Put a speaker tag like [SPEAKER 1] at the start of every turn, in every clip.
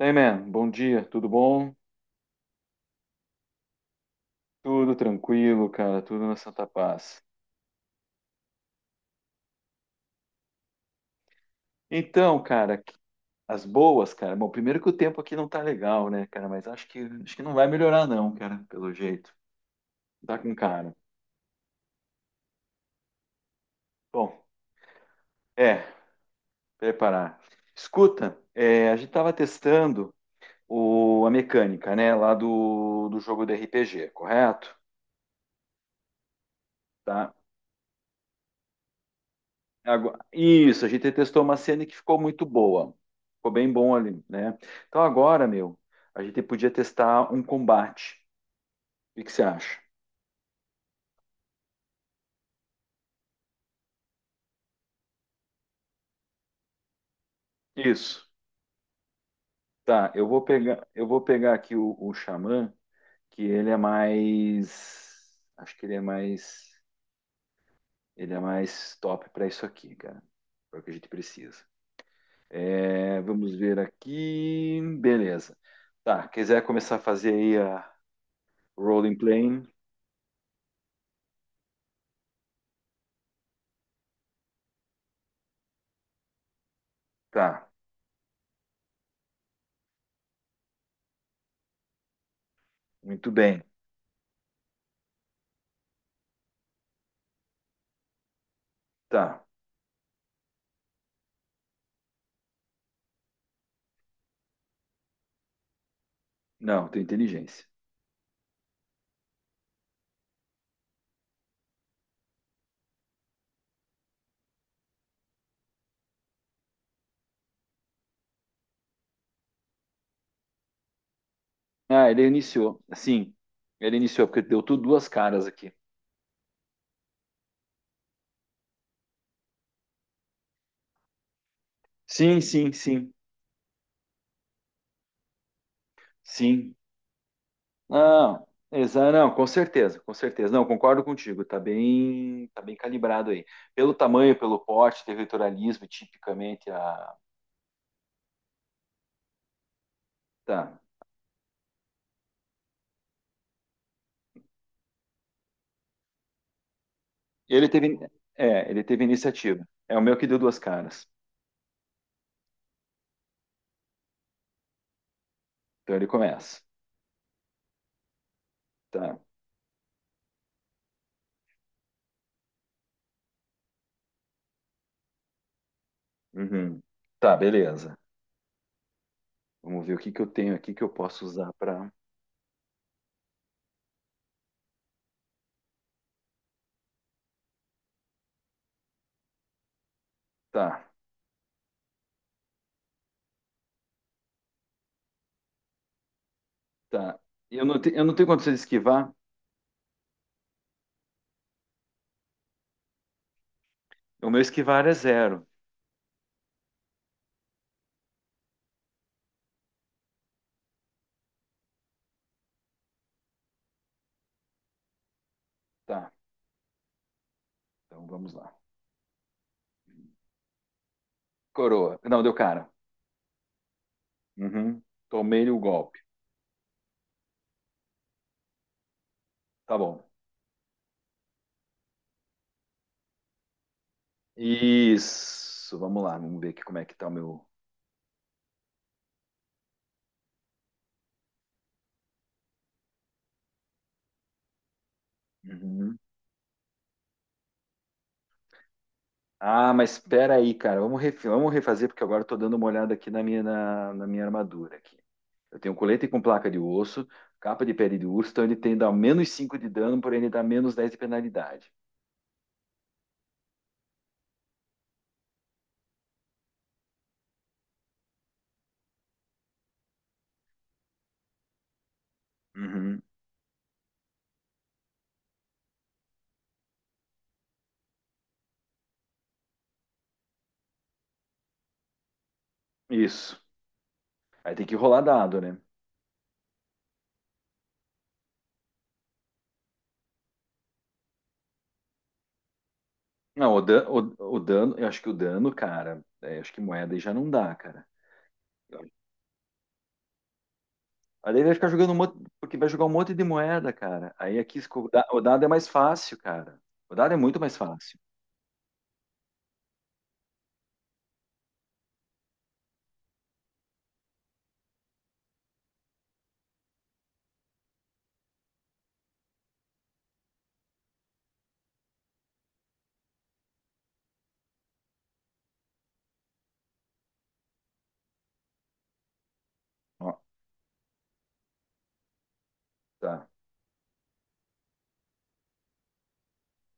[SPEAKER 1] Hey man, bom dia, tudo bom? Tudo tranquilo, cara, tudo na Santa Paz. Então, cara, as boas, cara. Bom, primeiro que o tempo aqui não tá legal, né, cara, mas acho que não vai melhorar não, cara, pelo jeito. Tá com cara. Bom, é, preparar. Escuta, a gente tava testando a mecânica, né, lá do jogo do RPG, correto? Tá? Isso, a gente testou uma cena que ficou muito boa. Ficou bem bom ali, né? Então agora, meu, a gente podia testar um combate. O que que você acha? Isso. Tá, eu vou pegar aqui o Xamã, que ele é mais. Acho que ele é mais. Ele é mais top para isso aqui, cara. É o que a gente precisa. É, vamos ver aqui. Beleza. Tá, quiser começar a fazer aí a Rolling Plane? Tá, muito bem. Tá. Não, tem inteligência. Ah, ele iniciou. Sim, ele iniciou, porque deu tudo duas caras aqui. Sim, sim, sim, sim. Não, exa não, com certeza, com certeza. Não, concordo contigo, tá bem, calibrado aí. Pelo tamanho, pelo porte, territorialismo, tipicamente a. Tá. Ele teve, ele teve iniciativa. É o meu que deu duas caras. Então ele começa. Tá. Uhum. Tá, beleza. Vamos ver o que que eu tenho aqui que eu posso usar para. Tá. Tá. Eu não tenho condições de esquivar. O meu esquivar é zero. Tá. Então vamos lá. Coroa. Não, deu cara. Uhum. Tomei o golpe. Tá bom. Isso. Vamos lá. Vamos ver aqui como é que tá o meu. Uhum. Ah, mas espera aí, cara. Vamos refazer, porque agora eu tô dando uma olhada aqui na minha armadura aqui. Eu tenho um colete com placa de osso, capa de pele de urso, então ele tem dá menos 5 de dano, porém ele dá menos 10 de penalidade. Uhum. Isso. Aí tem que rolar dado, né? Não, o dano, eu acho que o dano, cara, acho que moeda aí já não dá, cara. Eu- Aí daí vai ficar jogando um monte, porque vai jogar um monte de moeda, cara. Aí aqui o dado é mais fácil, cara. O dado é muito mais fácil. Ó, tá,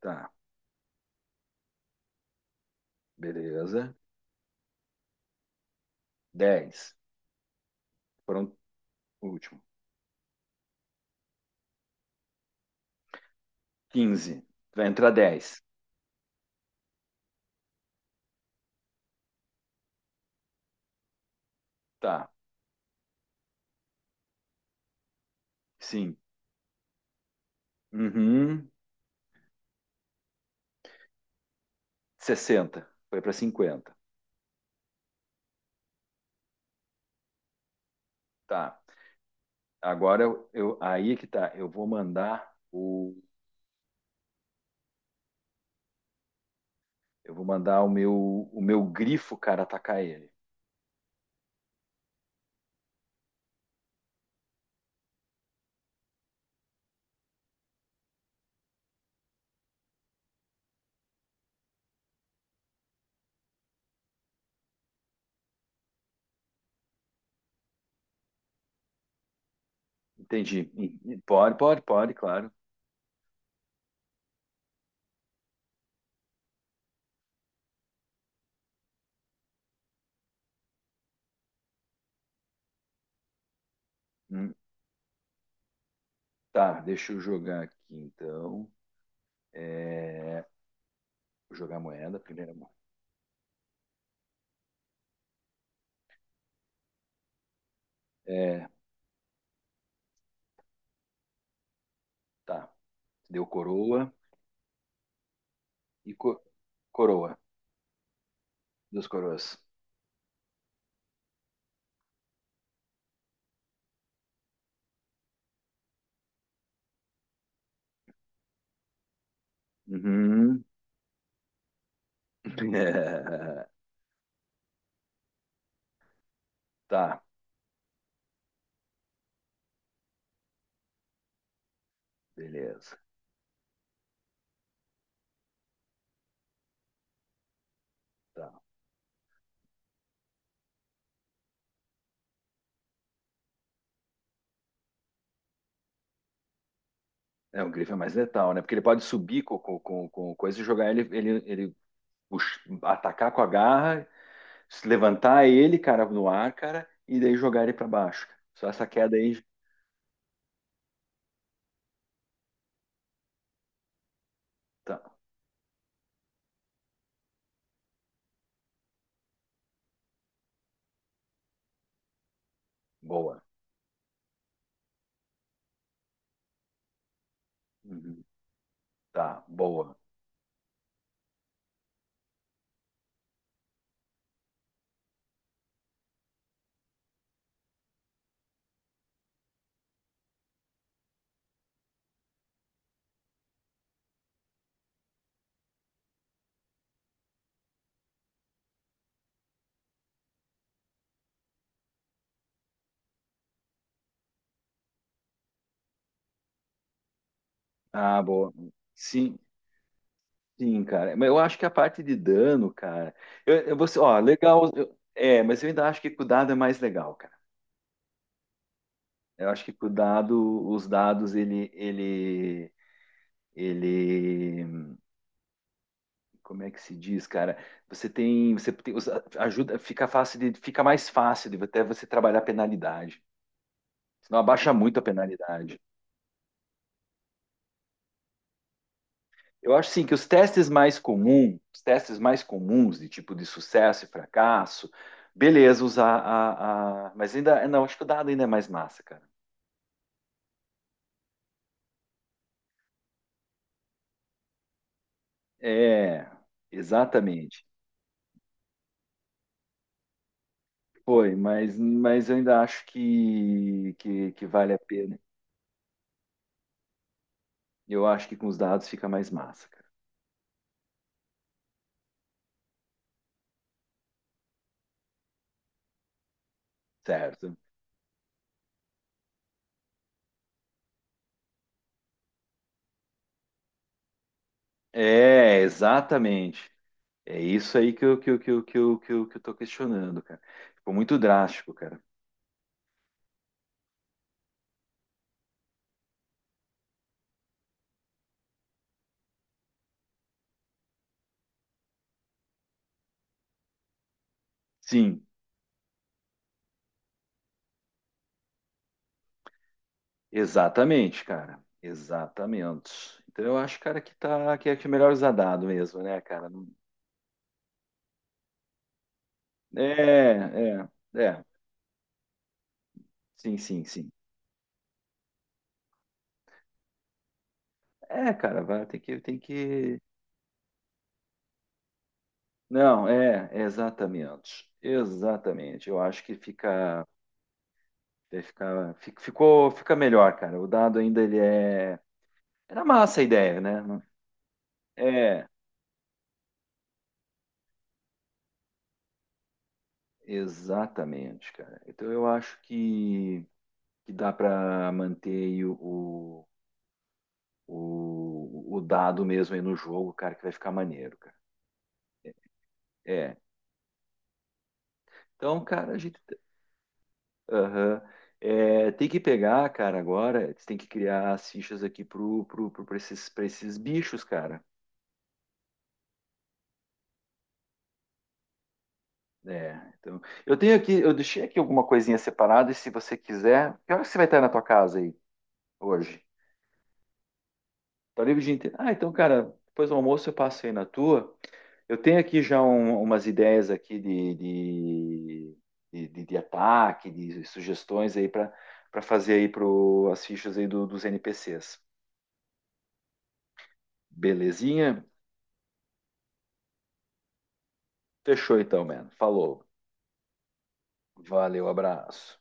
[SPEAKER 1] tá. Beleza. 10. Pronto, o último. 15. Vai entrar 10. Tá. Sim. Uhum. 60. Foi para 50. Tá. Agora aí é que tá. Eu vou mandar o Eu vou mandar o meu grifo, cara, atacar ele. Entendi. Pode, pode, pode, claro. Hum, Tá, deixa eu jogar aqui então. É, Vou jogar a moeda, a primeira moeda. É, tá. Deu coroa e coroa. Duas coroas. Uhum. É, Tá, beleza. Tá. É, o grifo é mais letal, né? Porque ele pode subir com coisa e jogar ele, atacar com a garra. Se levantar ele, cara, no ar, cara, e daí jogar ele pra baixo. Só essa queda aí. Tá, boa. Uhum. Tá, boa. Ah, boa. Sim, sim, cara. Mas eu acho que a parte de dano, cara. Ó, legal. Mas eu ainda acho que com o dado é mais legal, cara. Eu acho que com o dado, os dados, ele, como é que se diz, cara? Você tem, ajuda, fica mais fácil de até você trabalhar a penalidade. Senão abaixa muito a penalidade. Eu acho sim que os testes mais comuns de tipo de sucesso e fracasso, beleza, usar mas ainda. Não, acho que o dado ainda é mais massa, cara. É, exatamente. Foi, mas eu ainda acho que vale a pena. Eu acho que com os dados fica mais massa, cara. Certo? É, exatamente. É isso aí que eu, que eu, que eu, que eu, que eu, que eu tô questionando, cara. Ficou muito drástico, cara. Sim. Exatamente, cara. Exatamente. Então eu acho, cara, que é melhor usar dado mesmo, né, cara? É, é, é. Sim, sim, sim. É, cara, vai ter que tem que Não, é exatamente. Exatamente. Eu acho que fica vai ficar fi- ficou fica melhor, cara. O dado ainda ele é era massa a ideia, né? É, exatamente, cara. Então eu acho que dá para manter aí o dado mesmo aí no jogo, cara, que vai ficar maneiro, cara. É. Então, cara, a gente. Aham. É, tem que pegar, cara, agora. Você tem que criar as fichas aqui pra esses, pra esses bichos, cara. É, então, eu tenho aqui, eu deixei aqui alguma coisinha separada, e se você quiser, que hora que você vai estar na tua casa aí hoje? Tá livre o dia inteiro. Ah, então, cara, depois do almoço eu passo aí na tua. Eu tenho aqui já umas ideias aqui de ataque, de sugestões aí para fazer aí as fichas aí dos NPCs. Belezinha? Fechou então, mano. Falou. Valeu, abraço.